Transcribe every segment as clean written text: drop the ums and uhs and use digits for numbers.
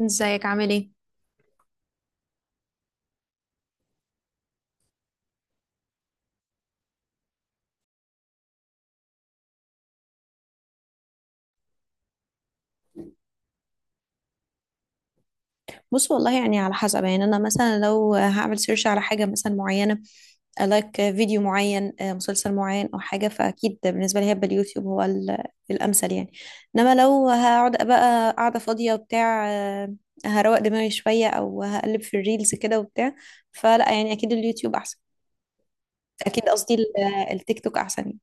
ازيك، عامل ايه؟ بص، والله يعني على حسب. يعني انا مثلا لو هعمل سيرش على حاجه مثلا معينه، لايك فيديو معين، مسلسل معين او حاجه، فاكيد بالنسبه لي هيبقى اليوتيوب هو الامثل يعني. انما لو هقعد بقى قاعده فاضيه وبتاع، هروق دماغي شويه او هقلب في الريلز كده وبتاع، فلا، يعني اكيد اليوتيوب احسن. اكيد قصدي التيك توك احسن يعني.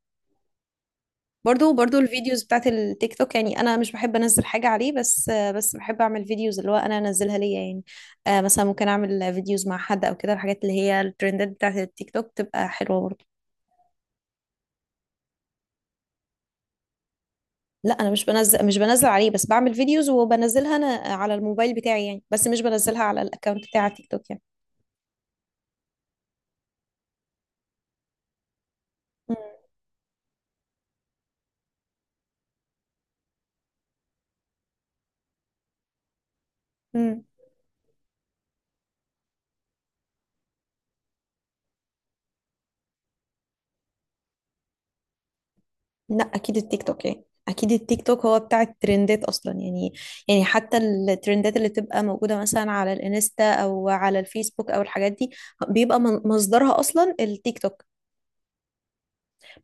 برضو الفيديوز بتاعت التيك توك، يعني انا مش بحب انزل حاجه عليه، بس بحب اعمل فيديوز اللي هو انا انزلها ليا يعني. مثلا ممكن اعمل فيديوز مع حد او كده، الحاجات اللي هي الترندات بتاعت التيك توك تبقى حلوه برضو. لا، انا مش بنزل، عليه، بس بعمل فيديوز وبنزلها انا على الموبايل بتاعي يعني، بس مش بنزلها على الاكونت بتاع التيك توك يعني. مم. لا اكيد التيك توك، يعني اكيد التيك توك هو بتاع الترندات اصلا يعني. يعني حتى الترندات اللي تبقى موجوده مثلا على الانستا او على الفيسبوك او الحاجات دي بيبقى مصدرها اصلا التيك توك.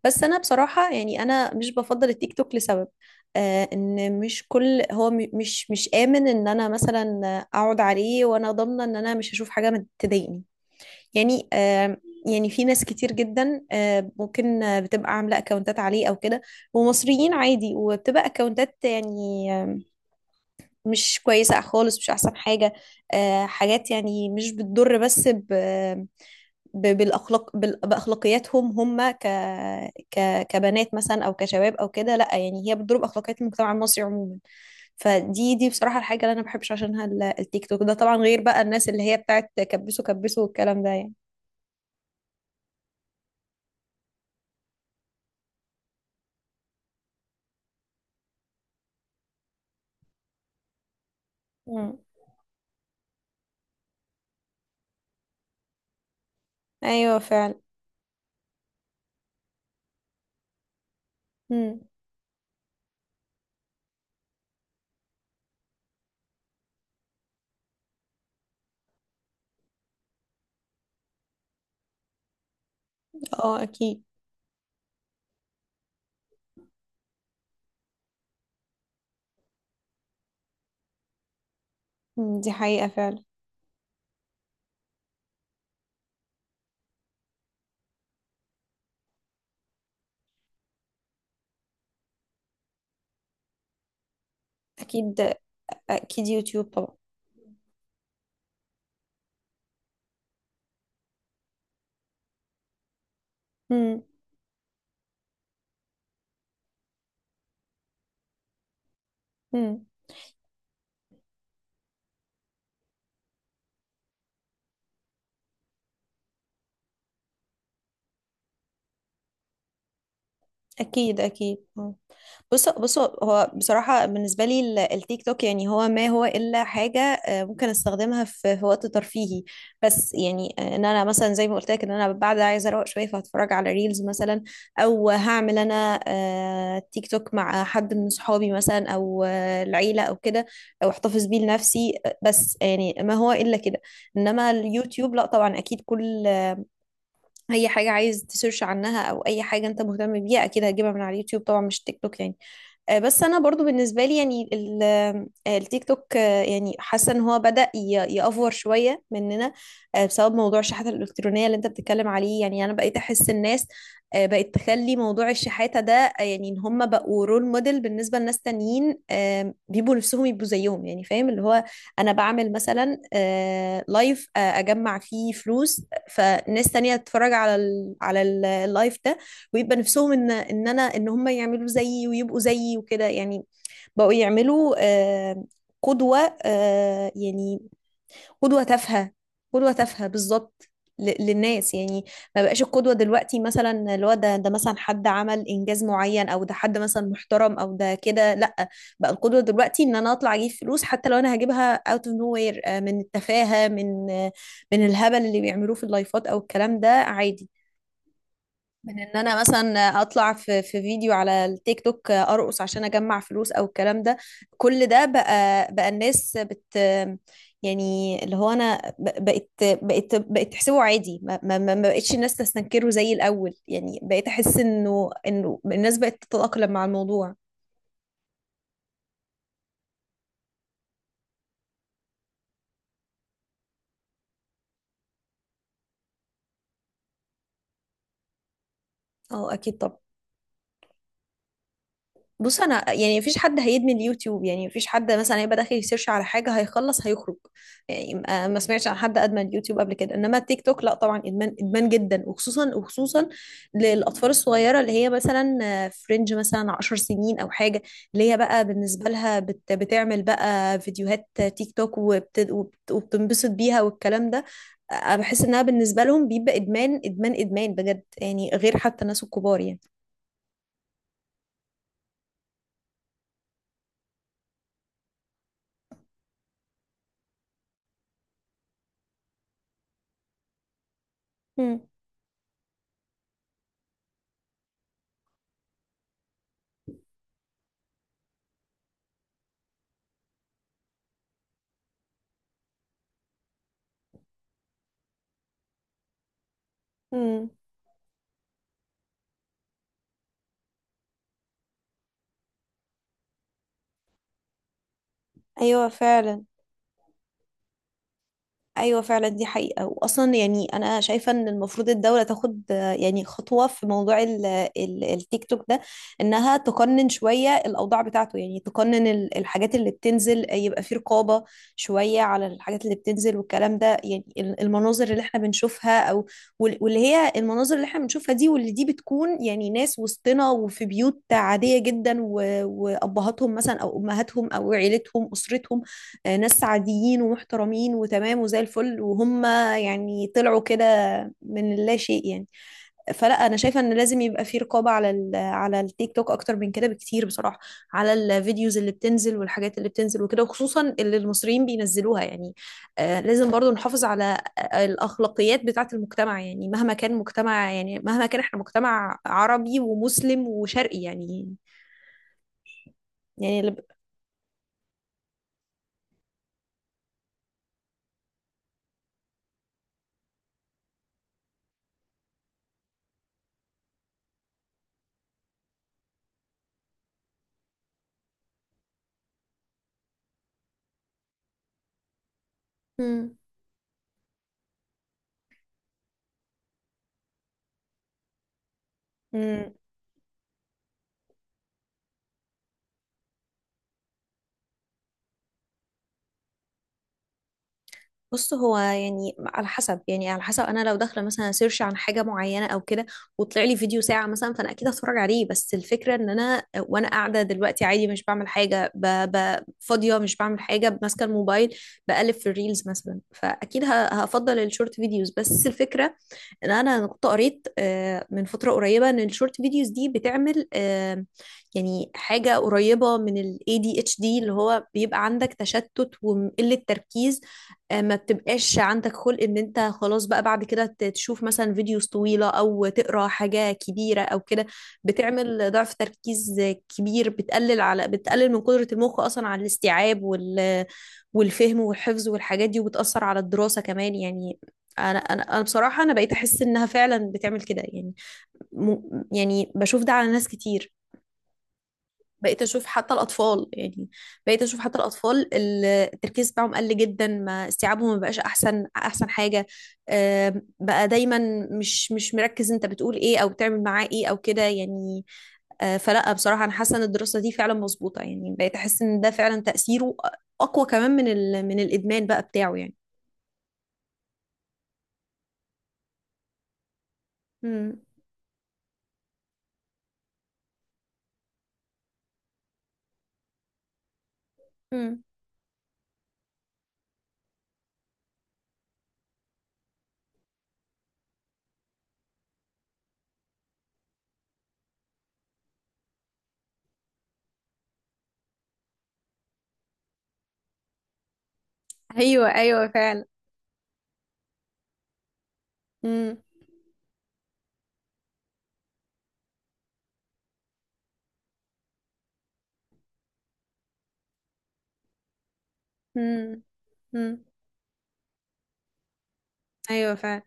بس انا بصراحه، يعني انا مش بفضل التيك توك لسبب. آه، ان مش كل هو مش امن ان انا مثلا اقعد عليه وانا ضامنه ان انا مش هشوف حاجه ما تضايقني يعني. يعني في ناس كتير جدا، ممكن، بتبقى عاملة اكونتات عليه او كده، ومصريين عادي، وبتبقى اكونتات يعني مش كويسة خالص، مش احسن حاجة. حاجات يعني مش بتضر، بس بالاخلاق، باخلاقياتهم هم كبنات مثلا، او كشباب، او كده. لا يعني هي بتضرب اخلاقيات المجتمع المصري عموما. فدي بصراحة الحاجة اللي انا ما بحبش عشانها التيك توك ده، طبعا غير بقى الناس اللي هي بتاعت كبسوا كبسوا والكلام ده يعني. ايوه فعلا. امم. اه، اكيد. مم. دي حقيقة فعلا. اكيد، اكيد يوتيوب طبعا. امم. امم. اكيد، اكيد آه. بص بص، هو بصراحة بالنسبة لي التيك توك يعني هو ما هو إلا حاجة، ممكن استخدمها في وقت ترفيهي بس، يعني ان انا مثلا زي ما قلت لك ان انا بعد عايزة اروق شوية فهتفرج على ريلز مثلا، او هعمل انا تيك توك مع حد من صحابي مثلا، او العيلة او كده، او احتفظ بيه لنفسي بس، يعني ما هو إلا كده. انما اليوتيوب لا، طبعا اكيد كل اي حاجة عايز تسيرش عنها، او اي حاجة انت مهتم بيها، اكيد هتجيبها من على اليوتيوب طبعا مش تيك توك يعني. بس انا برضو بالنسبه لي يعني التيك توك، يعني حاسه ان هو بدأ يأفور شويه مننا، بسبب موضوع الشحاته الالكترونيه اللي انت بتتكلم عليه. يعني انا بقيت احس الناس بقت تخلي موضوع الشحاته ده، يعني ان هم بقوا رول موديل بالنسبه لناس تانيين، بيبقوا نفسهم يبقوا زيهم، يعني فاهم اللي هو انا بعمل مثلا لايف، اجمع فيه فلوس، فناس تانية تتفرج على اللايف ده، ويبقى نفسهم ان ان انا ان هم يعملوا زيي ويبقوا زيي وكده يعني. بقوا يعملوا قدوة، يعني قدوة تافهة. قدوة تافهة بالظبط، للناس يعني. ما بقاش القدوة دلوقتي مثلا اللي هو ده، مثلا حد عمل إنجاز معين، أو ده حد مثلا محترم، أو ده كده، لأ. بقى القدوة دلوقتي إن أنا أطلع أجيب فلوس، حتى لو أنا هجيبها out of nowhere، من التفاهة، من الهبل اللي بيعملوه في اللايفات، أو الكلام ده عادي، من ان انا مثلا اطلع في فيديو على التيك توك ارقص عشان اجمع فلوس، او الكلام ده. كل ده بقى الناس يعني اللي هو انا بقيت تحسبه عادي. ما بقتش الناس تستنكره زي الاول، يعني بقيت احس انه الناس بقت تتأقلم مع الموضوع. اه اكيد طبعا. بص، انا يعني مفيش حد هيدمن اليوتيوب، يعني مفيش حد مثلا هيبقى داخل يسيرش على حاجه هيخلص هيخرج. يعني ما سمعتش عن حد ادمن اليوتيوب قبل كده، انما التيك توك لا طبعا، ادمان، ادمان جدا، وخصوصا وخصوصا للاطفال الصغيره اللي هي مثلا فرنج مثلا 10 سنين او حاجه، اللي هي بقى بالنسبه لها بتعمل بقى فيديوهات تيك توك، وبتنبسط بيها والكلام ده. بحس انها بالنسبه لهم بيبقى ادمان، ادمان، ادمان بجد يعني، غير حتى الناس الكبار يعني. مم. مم. ايوه فعلا. ايوه فعلا، دي حقيقه. واصلا يعني انا شايفه ان المفروض الدوله تاخد يعني خطوه في موضوع التيك توك ده، انها تقنن شويه الاوضاع بتاعته. يعني تقنن الحاجات اللي بتنزل، يبقى في رقابه شويه على الحاجات اللي بتنزل والكلام ده. يعني المناظر اللي احنا بنشوفها، او واللي هي المناظر اللي احنا بنشوفها دي، واللي دي بتكون يعني ناس وسطنا وفي بيوت عاديه جدا، وابهاتهم مثلا او امهاتهم او عيلتهم اسرتهم، ناس عاديين ومحترمين وتمام وزي الفل، وهم يعني طلعوا كده من اللا شيء يعني. فلا، انا شايفه ان لازم يبقى في رقابه على ال على التيك توك اكتر من كده بكتير بصراحه، على الفيديوز اللي بتنزل والحاجات اللي بتنزل وكده، وخصوصا اللي المصريين بينزلوها يعني. لازم برضو نحافظ على الاخلاقيات بتاعه المجتمع، يعني مهما كان مجتمع، يعني مهما كان احنا مجتمع عربي ومسلم وشرقي يعني مم. مم. بص هو يعني على حسب، يعني على حسب انا لو داخله مثلا سيرش عن حاجه معينه او كده وطلع لي فيديو ساعه مثلا، فانا اكيد هتفرج عليه. بس الفكره ان انا وانا قاعده دلوقتي عادي مش بعمل حاجه، فاضيه مش بعمل حاجه، ماسكه الموبايل بقلب في الريلز مثلا، فاكيد هفضل الشورت فيديوز. بس الفكره ان انا كنت قريت من فتره قريبه ان الشورت فيديوز دي بتعمل، يعني حاجه قريبه من ال ADHD، اللي هو بيبقى عندك تشتت وقله تركيز. ما بتبقاش عندك خلق ان انت خلاص بقى بعد كده تشوف مثلا فيديوز طويلة، او تقرا حاجة كبيرة او كده. بتعمل ضعف تركيز كبير، بتقلل من قدرة المخ اصلا على الاستيعاب والفهم والحفظ والحاجات دي، وبتأثر على الدراسة كمان يعني. انا بصراحة انا بقيت احس انها فعلا بتعمل كده يعني. م... يعني بشوف ده على ناس كتير. بقيت اشوف حتى الاطفال يعني، بقيت اشوف حتى الاطفال التركيز بتاعهم قل جدا، ما استيعابهم ما بقاش احسن حاجه. بقى دايما مش مركز انت بتقول ايه او بتعمل معاه ايه او كده يعني. فلا، بصراحه انا حاسه ان الدراسه دي فعلا مظبوطه. يعني بقيت احس ان ده فعلا تاثيره اقوى كمان من من الادمان بقى بتاعه يعني. امم. امم. ايوه، ايوه فعلا. امم. امم. امم. ايوه فعلا.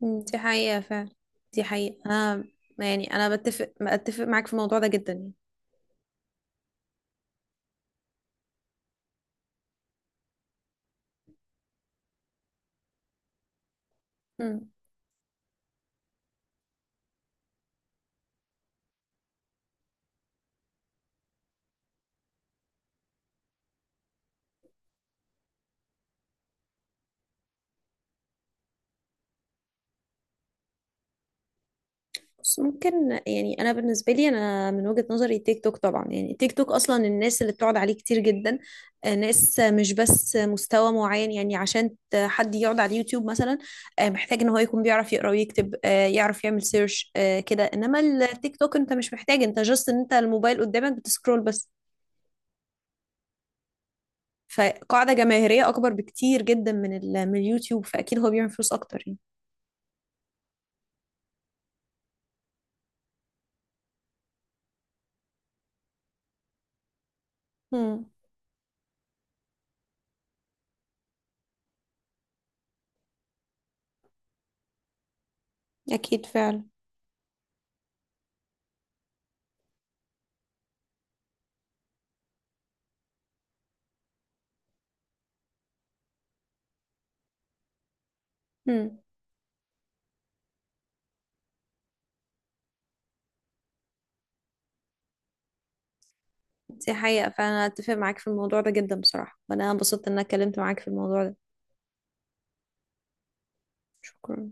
مم، دي حقيقة فعلا. دي حقيقة. أنا يعني أنا بتفق معاك في الموضوع ده جدا يعني. مم. بس ممكن يعني، أنا بالنسبة لي أنا من وجهة نظري تيك توك طبعا، يعني تيك توك أصلا الناس اللي بتقعد عليه كتير جدا، ناس مش بس مستوى معين. يعني عشان حد يقعد على اليوتيوب مثلا، محتاج إن هو يكون بيعرف يقرأ ويكتب، يعرف يعمل سيرش كده. إنما التيك توك أنت مش محتاج، أنت جاست إن أنت الموبايل قدامك بتسكرول بس. فقاعدة جماهيرية أكبر بكتير جدا من من اليوتيوب، فأكيد هو بيعمل فلوس أكتر يعني. امم. اكيد فعلا. امم. دي حقيقة. فأنا أتفق معاك في الموضوع ده جدا بصراحة. وأنا انبسطت إن أنا اتكلمت معاك في الموضوع ده. شكرا.